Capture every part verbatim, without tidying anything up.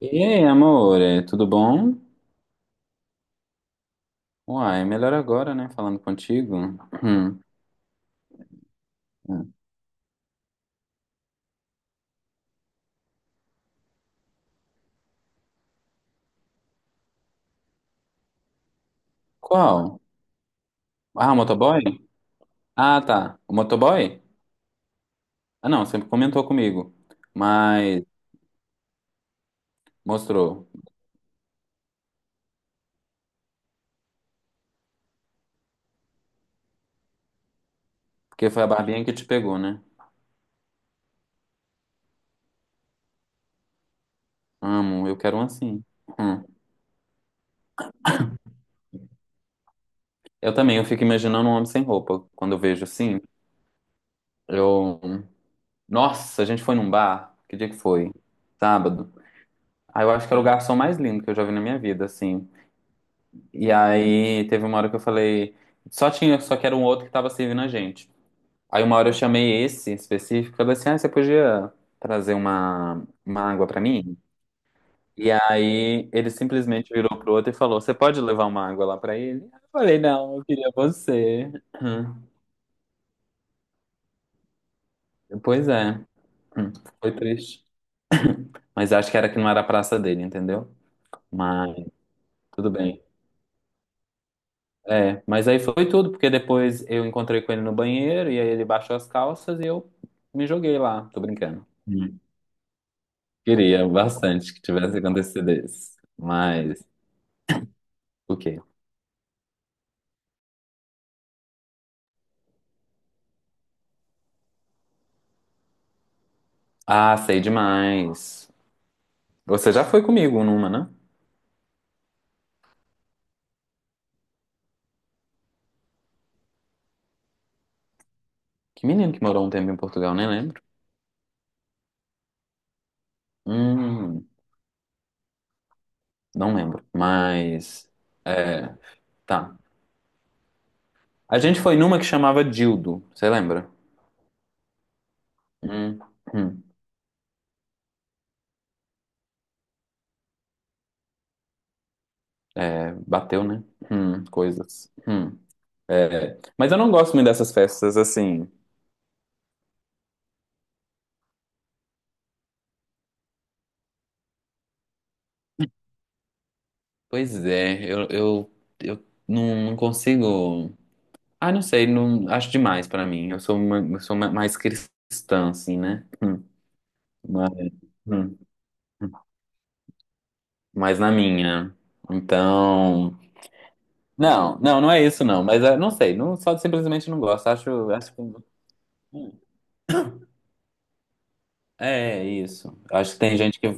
E aí, amor, é, tudo bom? Uai, melhor agora, né? Falando contigo. Hum. Hum. Qual? Ah, o motoboy? Ah, tá. O motoboy? Ah, não, sempre comentou comigo. Mas mostrou. Porque foi a barbinha que te pegou, né? Amo, eu quero um assim. Hum. Eu também, eu fico imaginando um homem sem roupa. Quando eu vejo assim, eu. Nossa, a gente foi num bar. Que dia que foi? Sábado. Ah, eu acho que era o garçom mais lindo que eu já vi na minha vida, assim. E aí teve uma hora que eu falei, só tinha, só que era um outro que tava servindo a gente. Aí uma hora eu chamei esse específico, eu falei assim, ah, você podia trazer uma, uma água pra mim? E aí ele simplesmente virou pro outro e falou, você pode levar uma água lá pra ele? Eu falei, não, eu queria você. Pois é, foi triste. Mas acho que era que não era a praça dele, entendeu? Mas tudo bem. É, mas aí foi tudo, porque depois eu encontrei com ele no banheiro e aí ele baixou as calças e eu me joguei lá. Tô brincando. Hum. Queria bastante que tivesse acontecido isso. Mas, o quê? Ah, sei demais. Você já foi comigo numa, né? Que menino que morou um tempo em Portugal, nem lembro. Hum, não lembro. Mas, é, tá. A gente foi numa que chamava Dildo, você lembra? Hum, hum. É, bateu, né? Hum, coisas. Hum. É, mas eu não gosto muito dessas festas assim. Pois é, eu, eu, eu não, não consigo. Ah, não sei, não acho demais pra mim. Eu sou, uma, eu sou ma- mais cristã, assim, né? Hum, mas, hum, hum, mais na minha. Então. Não, não, não é isso, não. Mas é, não sei, não, só simplesmente não gosto. Acho, acho que. hum, É isso. Acho que tem gente que.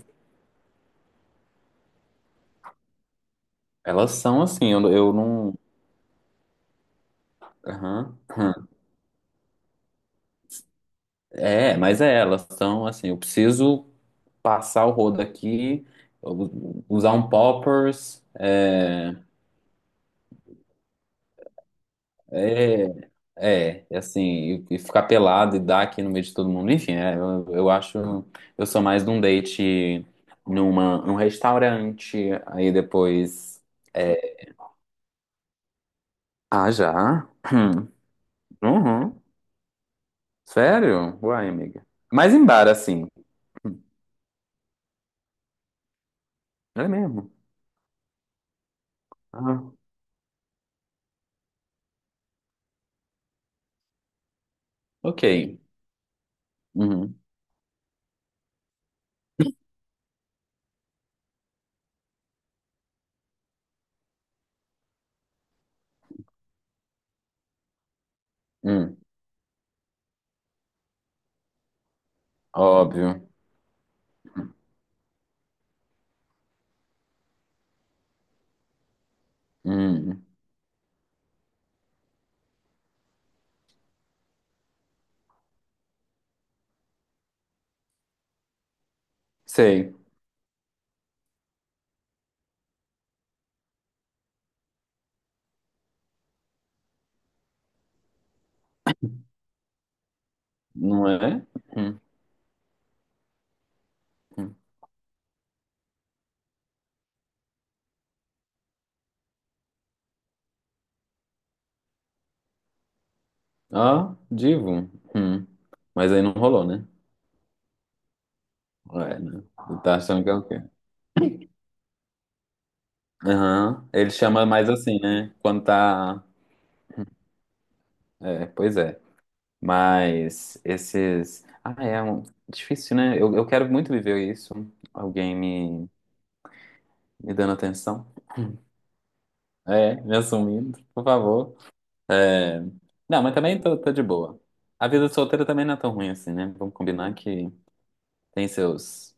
Elas são assim, eu, eu não. Aham. Hum. É, mas é, elas são assim, eu preciso. Passar o rodo aqui, u- usar um poppers, é, é, é, e assim, e, e ficar pelado e dar aqui no meio de todo mundo. Enfim, é, eu, eu acho, eu sou mais de um date numa, num restaurante, aí depois. É. Ah, já? Hum. Uhum. Sério? Uai, amiga. Mas em bar, assim. É mesmo? Ah, ok. Uhum. Hum. Óbvio. Hum. Sei. Não é? Hum. Hum. Ah, divo. Hum. Mas aí não rolou, né? É, né? Tu Tá achando que é o quê? Aham. Ele chama mais assim, né? Quando tá. É, pois é. Mas esses. Ah, é um difícil, né? Eu, eu quero muito viver isso. Alguém me, me dando atenção. É, me assumindo, por favor. É. Não, mas também tô, tô de boa. A vida solteira também não é tão ruim assim, né? Vamos combinar que tem seus.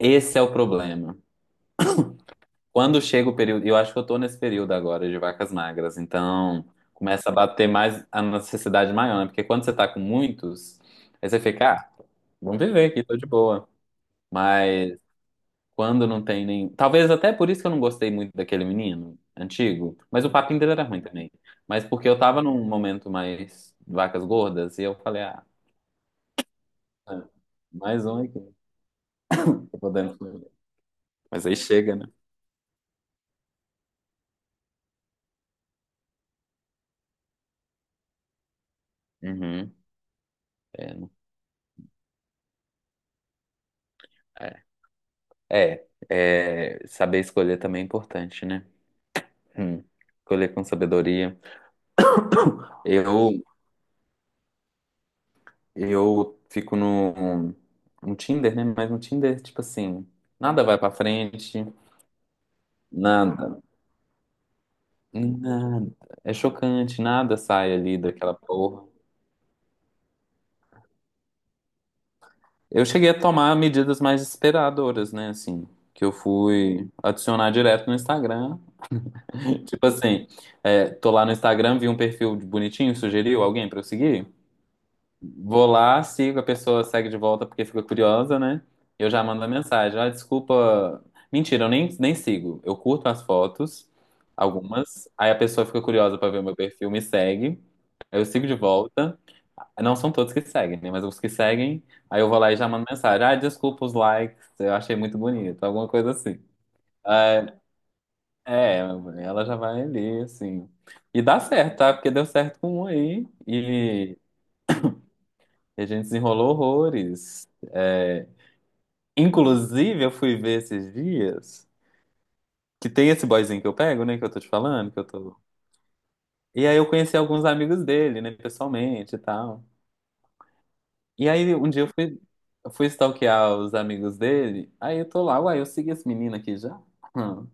Esse é o problema. Quando chega o período, eu acho que eu tô nesse período agora de vacas magras, então começa a bater mais a necessidade maior, né? Porque quando você tá com muitos, aí você fica, ah, vamos viver aqui, tô de boa. Mas quando não tem nem. Talvez até por isso que eu não gostei muito daquele menino antigo, mas o papinho dele era ruim também. Mas porque eu tava num momento mais vacas gordas e eu falei, ah, mais um aqui, tô podendo comer. Mas aí chega, né? Uhum. É, É, é, saber escolher também é importante, né? Hum. Escolher com sabedoria. Eu, eu fico no, no Tinder, né? Mas no Tinder, tipo assim, nada vai pra frente, nada, nada. É chocante, nada sai ali daquela porra. Eu cheguei a tomar medidas mais desesperadoras, né? Assim, que eu fui adicionar direto no Instagram. Tipo assim, é, tô lá no Instagram, vi um perfil bonitinho, sugeriu alguém pra eu seguir? Vou lá, sigo, a pessoa segue de volta porque fica curiosa, né? Eu já mando a mensagem. Ah, desculpa. Mentira, eu nem, nem sigo. Eu curto as fotos, algumas. Aí a pessoa fica curiosa pra ver o meu perfil, me segue. Eu sigo de volta. Não são todos que seguem, né? Mas os que seguem, aí eu vou lá e já mando mensagem. Ah, desculpa os likes, eu achei muito bonito, alguma coisa assim. Ah, é, ela já vai ali, assim. E dá certo, tá? Porque deu certo com um aí. E a gente desenrolou horrores. É, inclusive, eu fui ver esses dias que tem esse boyzinho que eu pego, né? Que eu tô te falando, que eu tô. E aí eu conheci alguns amigos dele, né? Pessoalmente e tal. E aí um dia eu fui, eu fui stalkear os amigos dele. Aí eu tô lá, uai, eu segui esse menino aqui já? Hum.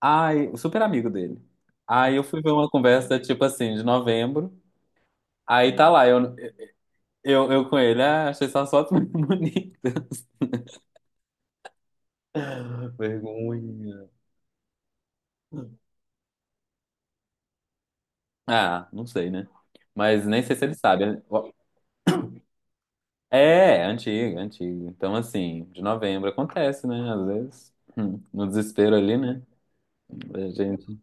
Ai, o super amigo dele. Aí eu fui ver uma conversa, tipo assim, de novembro. Aí tá lá, eu, eu, eu com ele, ah, achei suas fotos muito bonitas. Vergonha. Ah, não sei, né? Mas nem sei se ele sabe. É, antiga, antiga. Então, assim, de novembro acontece, né? Às vezes, Hum, no desespero ali, né? A gente,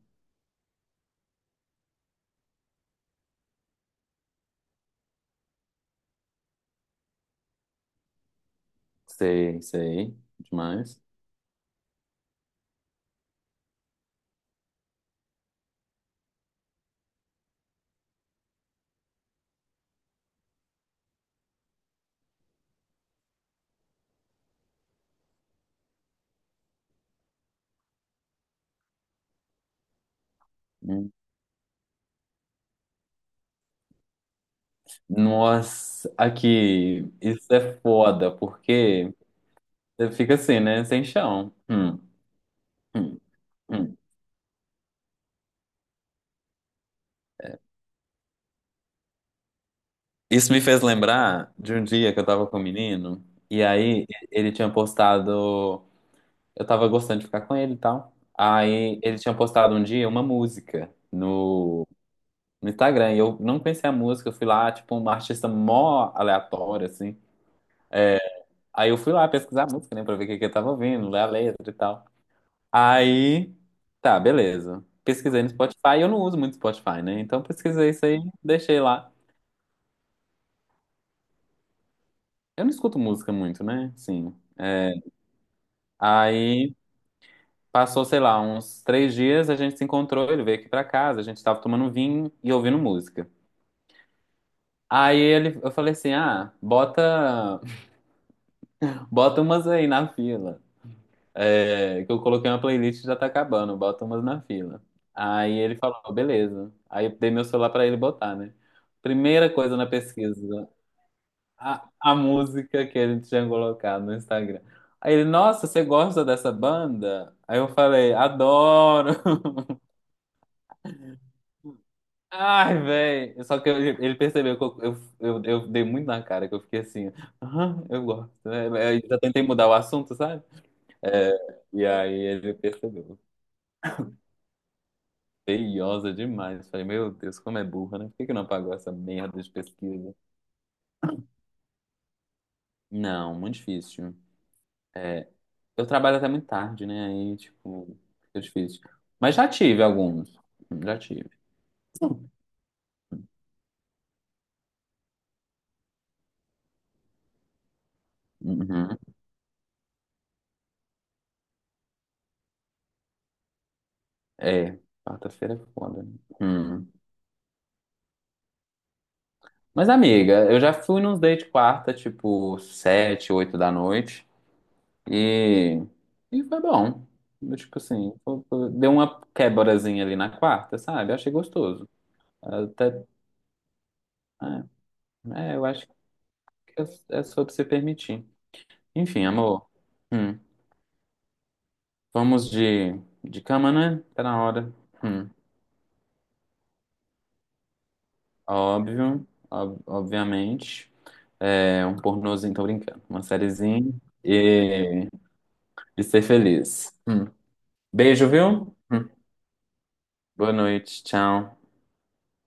sei, sei, demais. Hum. Nossa, aqui, isso é foda, porque você fica assim, né? Sem chão. Hum, hum, hum. Isso me fez lembrar de um dia que eu tava com um menino, e aí ele tinha postado. Eu tava gostando de ficar com ele e tal. Aí ele tinha postado um dia uma música no no Instagram. E eu não conhecia a música, eu fui lá, tipo, uma artista mó aleatória, assim. Aí eu fui lá pesquisar a música, né, pra ver o que que eu tava ouvindo, ler a letra e tal. Aí, tá, beleza. Pesquisei no Spotify, eu não uso muito Spotify, né? Então pesquisei isso aí, deixei lá. Eu não escuto música muito, né? Sim. Aí passou, sei lá, uns três dias, a gente se encontrou, ele veio aqui pra casa, a gente tava tomando vinho e ouvindo música. Aí ele, eu falei assim, ah, bota, bota umas aí na fila. é, que eu coloquei uma playlist e já tá acabando, bota umas na fila. Aí ele falou, beleza. Aí eu dei meu celular pra ele botar, né? Primeira coisa na pesquisa, a, a música que ele tinha colocado no Instagram. Aí ele, nossa, você gosta dessa banda? Aí eu falei, adoro! Ai, velho. Só que eu- ele percebeu que eu, eu, eu, eu dei muito na cara, que eu fiquei assim, "Ah, eu gosto, né?" Eu já tentei mudar o assunto, sabe? É, e aí ele percebeu. Feiosa demais. Falei, meu Deus, como é burra, né? Por que que não apagou essa merda de pesquisa? Não, muito difícil. É, eu trabalho até muito tarde, né? Aí, tipo, é difícil. Mas já tive alguns. Já tive. Uhum. É, quarta-feira é foda, né? Hum. Mas, amiga, eu já fui nos date quarta, tipo, sete, oito da noite. E, e foi bom. Eu, Tipo assim, foi- foi- deu uma quebrazinha ali na quarta, sabe? Eu achei gostoso. Até, é, é, eu acho. É, é sobre se permitir. Enfim, amor. Hum. Vamos de, de cama, né? Tá na hora. Hum. Óbvio, ob- obviamente. É um pornozinho, tô brincando. Uma sériezinha. E, e ser feliz. Hum. Beijo, viu? Hum. Boa noite. Tchau.